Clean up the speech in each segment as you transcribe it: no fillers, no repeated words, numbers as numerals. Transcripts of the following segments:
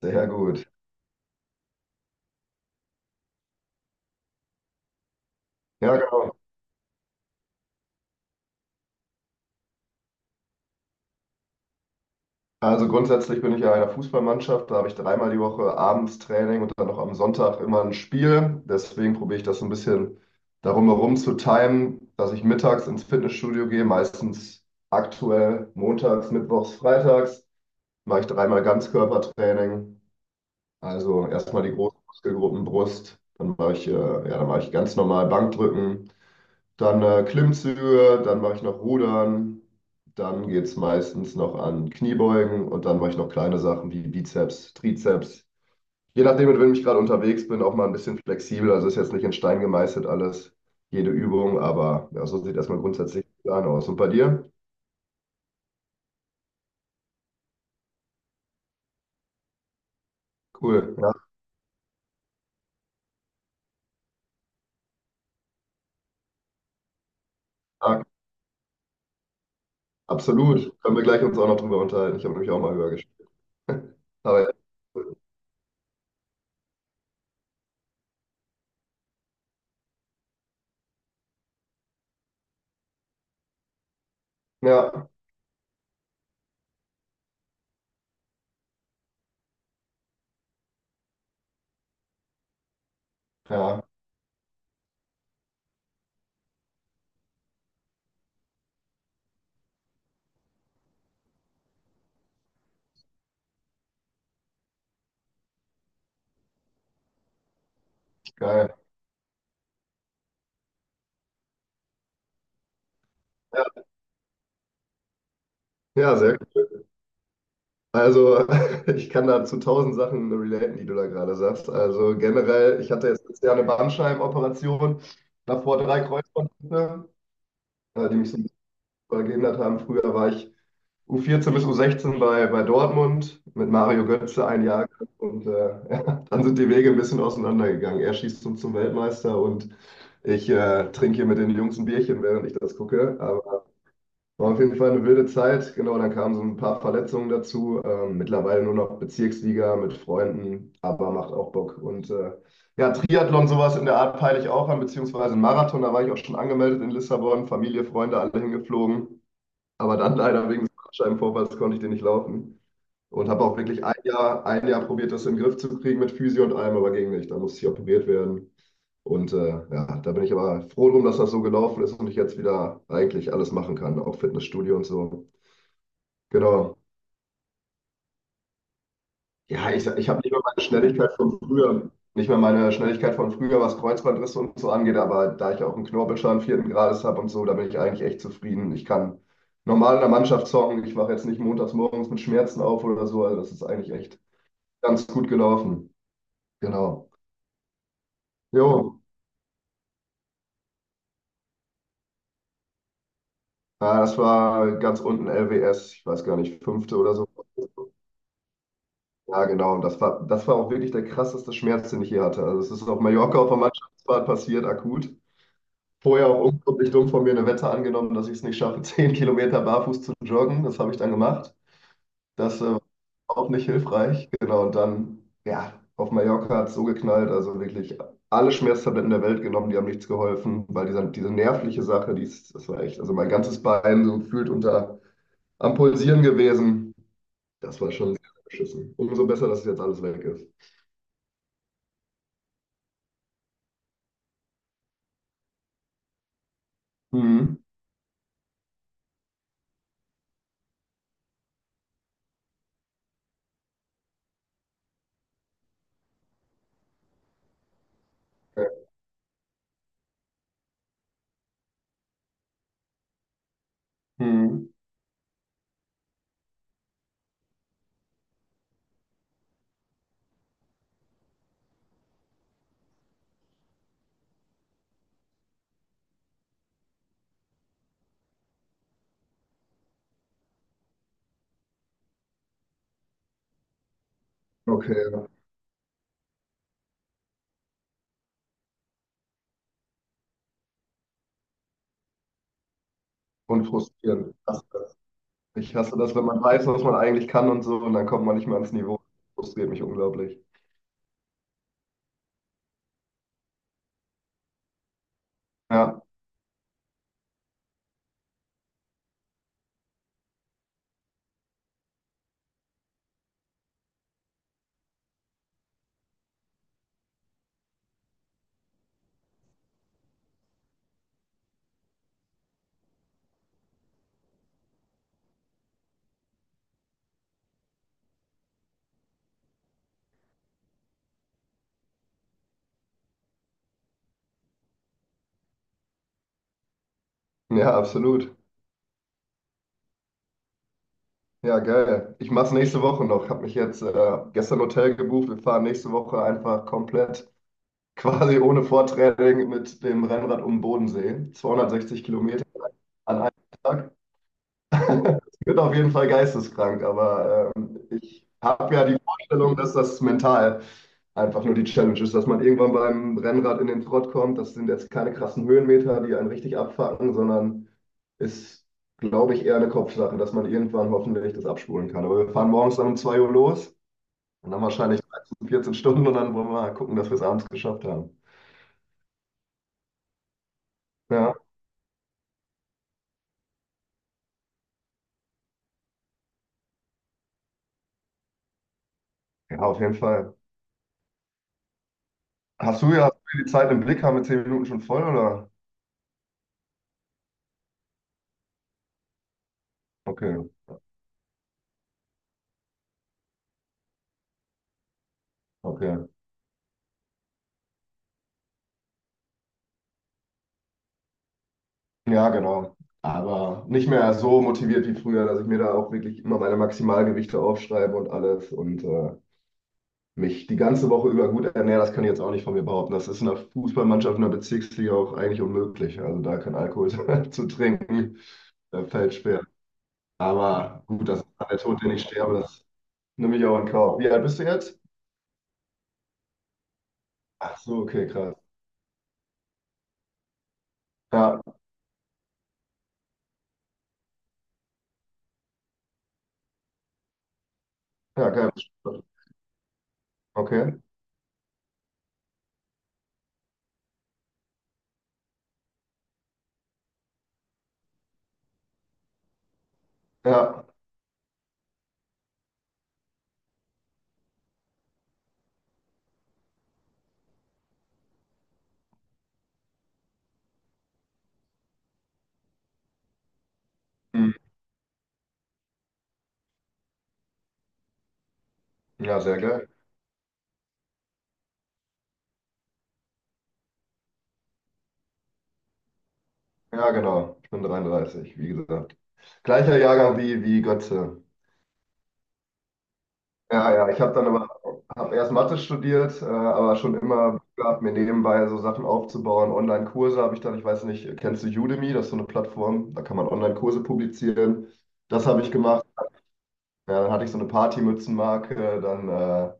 Sehr gut. Ja, genau. Also grundsätzlich bin ich ja in einer Fußballmannschaft, da habe ich dreimal die Woche abends Training und dann noch am Sonntag immer ein Spiel. Deswegen probiere ich das so ein bisschen darum herum zu timen, dass ich mittags ins Fitnessstudio gehe, meistens aktuell montags, mittwochs, freitags, mache ich dreimal Ganzkörpertraining. Also erstmal die großen Muskelgruppen Brust, dann mache ich, ja, dann mache ich ganz normal Bankdrücken. Dann Klimmzüge, dann mache ich noch Rudern, dann geht es meistens noch an Kniebeugen und dann mache ich noch kleine Sachen wie Bizeps, Trizeps. Je nachdem, mit wem ich gerade unterwegs bin, auch mal ein bisschen flexibel. Also ist jetzt nicht in Stein gemeißelt alles, jede Übung, aber ja, so sieht erstmal grundsätzlich der Plan aus. Und bei dir? Cool. Ja, stark. Absolut. Können wir gleich uns auch noch drüber unterhalten. Ich habe nämlich auch mal höher gespielt. Aber ja, ja, geil. Ja, ja, sehr cool. Also, ich kann da zu tausend Sachen relaten, die du da gerade sagst. Also generell, ich hatte jetzt letztes Jahr eine Bandscheibenoperation, davor drei Kreuzbandrisse, die mich so ein bisschen verhindert haben. Früher war ich U14 bis U16 bei Dortmund mit Mario Götze ein Jahr und ja, dann sind die Wege ein bisschen auseinandergegangen. Er schießt zum Weltmeister und ich trinke hier mit den Jungs ein Bierchen, während ich das gucke. War auf jeden Fall eine wilde Zeit. Genau, dann kamen so ein paar Verletzungen dazu. Mittlerweile nur noch Bezirksliga mit Freunden, aber macht auch Bock. Und ja, Triathlon, sowas in der Art peile ich auch an, beziehungsweise einen Marathon. Da war ich auch schon angemeldet in Lissabon. Familie, Freunde, alle hingeflogen. Aber dann leider wegen des Bandscheibenvorfalls konnte ich den nicht laufen. Und habe auch wirklich ein Jahr probiert, das in den Griff zu kriegen mit Physio und allem, aber ging nicht. Da musste ich operiert werden. Und ja, da bin ich aber froh drum, dass das so gelaufen ist und ich jetzt wieder eigentlich alles machen kann, auch Fitnessstudio und so. Genau. Ja, ich habe nicht mehr meine Schnelligkeit von früher, nicht mehr meine Schnelligkeit von früher, was Kreuzbandrisse und so angeht, aber da ich auch einen Knorpelschaden vierten Grades habe und so, da bin ich eigentlich echt zufrieden. Ich kann normal in der Mannschaft zocken, ich wache jetzt nicht montags morgens mit Schmerzen auf oder so, also das ist eigentlich echt ganz gut gelaufen. Genau. Jo, ja, das war ganz unten LWS, ich weiß gar nicht, fünfte oder so. Ja, genau, und das war auch wirklich der krasseste Schmerz, den ich je hatte. Also es ist auf Mallorca auf der Mannschaftsfahrt passiert, akut. Vorher auch unglaublich dumm von mir eine Wette angenommen, dass ich es nicht schaffe, 10 Kilometer barfuß zu joggen. Das habe ich dann gemacht. Das war auch nicht hilfreich. Genau, und dann, ja, auf Mallorca hat es so geknallt. Also wirklich alle Schmerztabletten der Welt genommen, die haben nichts geholfen, weil dieser, diese nervliche Sache, die ist, das war echt, also mein ganzes Bein so gefühlt unter am Pulsieren gewesen. Das war schon sehr beschissen. Umso besser, dass jetzt alles weg ist. Mhm. Mhm. Okay, und frustrierend. Ich hasse das, wenn man weiß, was man eigentlich kann und so, und dann kommt man nicht mehr ans Niveau. Das frustriert mich unglaublich. Ja, ja, absolut. Ja, geil. Ich mach's nächste Woche noch. Hab mich jetzt gestern Hotel gebucht. Wir fahren nächste Woche einfach komplett, quasi ohne Vortraining mit dem Rennrad um den Bodensee. 260 Kilometer an einem Tag. Es wird auf jeden Fall geisteskrank, aber ich habe ja die Vorstellung, dass das mental einfach nur die Challenge ist, dass man irgendwann beim Rennrad in den Trott kommt. Das sind jetzt keine krassen Höhenmeter, die einen richtig abfacken, sondern ist, glaube ich, eher eine Kopfsache, dass man irgendwann hoffentlich das abspulen kann. Aber wir fahren morgens dann um 2 Uhr los und dann wahrscheinlich 13, 14 Stunden und dann wollen wir mal gucken, dass wir es abends geschafft haben. Ja, ja, auf jeden Fall. Hast du die Zeit im Blick? Haben wir 10 Minuten schon voll, oder? Okay, okay. Ja, genau. Aber nicht mehr so motiviert wie früher, dass ich mir da auch wirklich immer meine Maximalgewichte aufschreibe und alles und mich die ganze Woche über gut ernähre, das kann ich jetzt auch nicht von mir behaupten. Das ist in einer Fußballmannschaft, in einer Bezirksliga auch eigentlich unmöglich. Also da kein Alkohol zu trinken, das fällt schwer. Aber gut, das ist dann der Tod, den ich sterbe, das nehme ich auch in Kauf. Wie alt bist du jetzt? Ach so, okay, krass. Ja, ja, geil. Okay, ja, hm, ja, sehr geil. Ja, genau. Ich bin 33, wie gesagt. Gleicher Jahrgang wie Götze. Ja, ja, ich habe dann aber hab erst Mathe studiert, aber schon immer Bock gehabt, mir nebenbei so Sachen aufzubauen. Online-Kurse habe ich dann, ich weiß nicht, kennst du Udemy? Das ist so eine Plattform, da kann man Online-Kurse publizieren. Das habe ich gemacht. Ja, dann hatte ich so eine Partymützenmarke, dann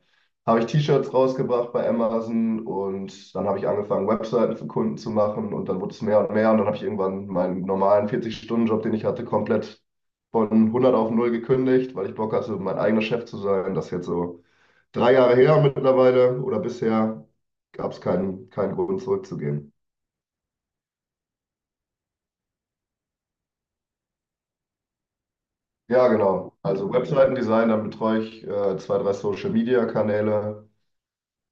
habe ich T-Shirts rausgebracht bei Amazon und dann habe ich angefangen, Webseiten für Kunden zu machen und dann wurde es mehr und mehr und dann habe ich irgendwann meinen normalen 40-Stunden-Job, den ich hatte, komplett von 100 auf 0 gekündigt, weil ich Bock hatte, mein eigener Chef zu sein. Das ist jetzt so 3 Jahre her mittlerweile oder bisher gab es keinen Grund zurückzugehen. Ja, genau. Also Webseitendesign, dann betreue ich zwei, drei Social-Media-Kanäle.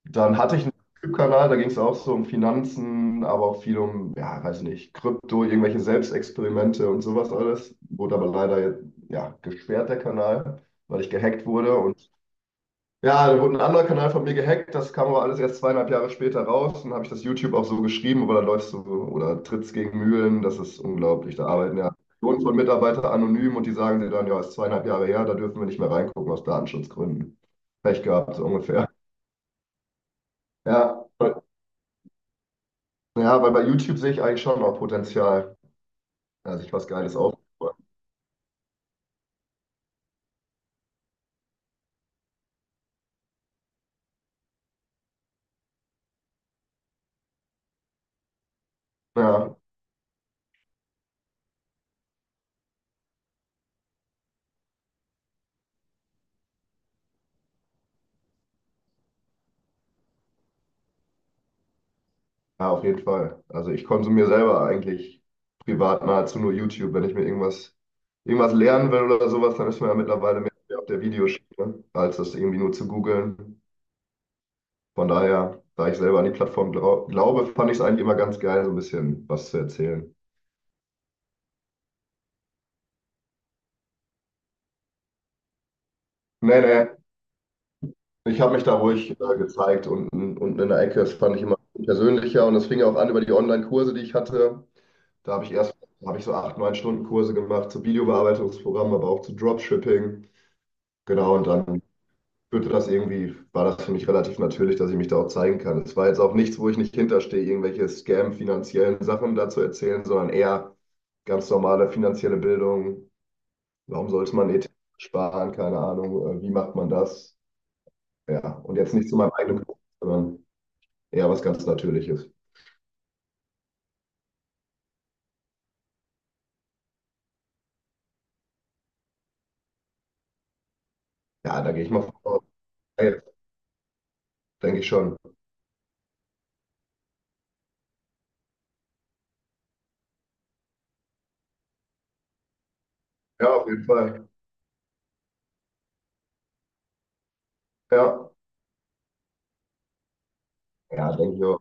Dann hatte ich einen YouTube-Kanal, da ging es auch so um Finanzen, aber auch viel um, ja, weiß nicht, Krypto, irgendwelche Selbstexperimente und sowas alles. Wurde aber leider, ja, gesperrt, der Kanal, weil ich gehackt wurde. Und ja, dann wurde ein anderer Kanal von mir gehackt, das kam aber alles erst zweieinhalb Jahre später raus. Und dann habe ich das YouTube auch so geschrieben, aber da läufst du oder trittst gegen Mühlen, das ist unglaublich. Da arbeiten ja Millionen von Mitarbeitern anonym und die sagen dir dann, ja, ist zweieinhalb Jahre her, da dürfen wir nicht mehr reingucken aus Datenschutzgründen. Pech gehabt, so ungefähr. Ja. Ja, weil bei YouTube sehe ich eigentlich schon noch Potenzial, da sich was Geiles aufzubauen. Ja, ja, auf jeden Fall. Also ich konsumiere selber eigentlich privat nahezu nur YouTube. Wenn ich mir irgendwas lernen will oder sowas, dann ist man ja mittlerweile mehr auf der Videoschiene, als das irgendwie nur zu googeln. Von daher, da ich selber an die Plattform glaube, fand ich es eigentlich immer ganz geil, so ein bisschen was zu erzählen. Nee, nee, ich habe mich da ruhig gezeigt unten, unten in der Ecke. Das fand ich immer persönlicher und das fing ja auch an über die Online-Kurse, die ich hatte. Da habe ich erst, da habe ich so acht, neun Stunden Kurse gemacht zu Videobearbeitungsprogrammen, aber auch zu Dropshipping. Genau, und dann führte das irgendwie, war das für mich relativ natürlich, dass ich mich da auch zeigen kann. Es war jetzt auch nichts, wo ich nicht hinterstehe, irgendwelche Scam-finanziellen Sachen da zu erzählen, sondern eher ganz normale finanzielle Bildung. Warum sollte man ETF sparen? Keine Ahnung. Wie macht man das? Ja, und jetzt nicht zu meinem eigenen Kurs, sondern eher was ganz Natürliches. Ja, da gehe ich mal vor. Ja, denke ich schon. Ja, auf jeden Fall. Ja, ja, denke ich auch.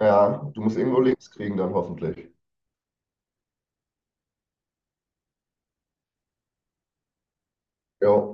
Ja, du musst irgendwo links kriegen dann hoffentlich. Jo.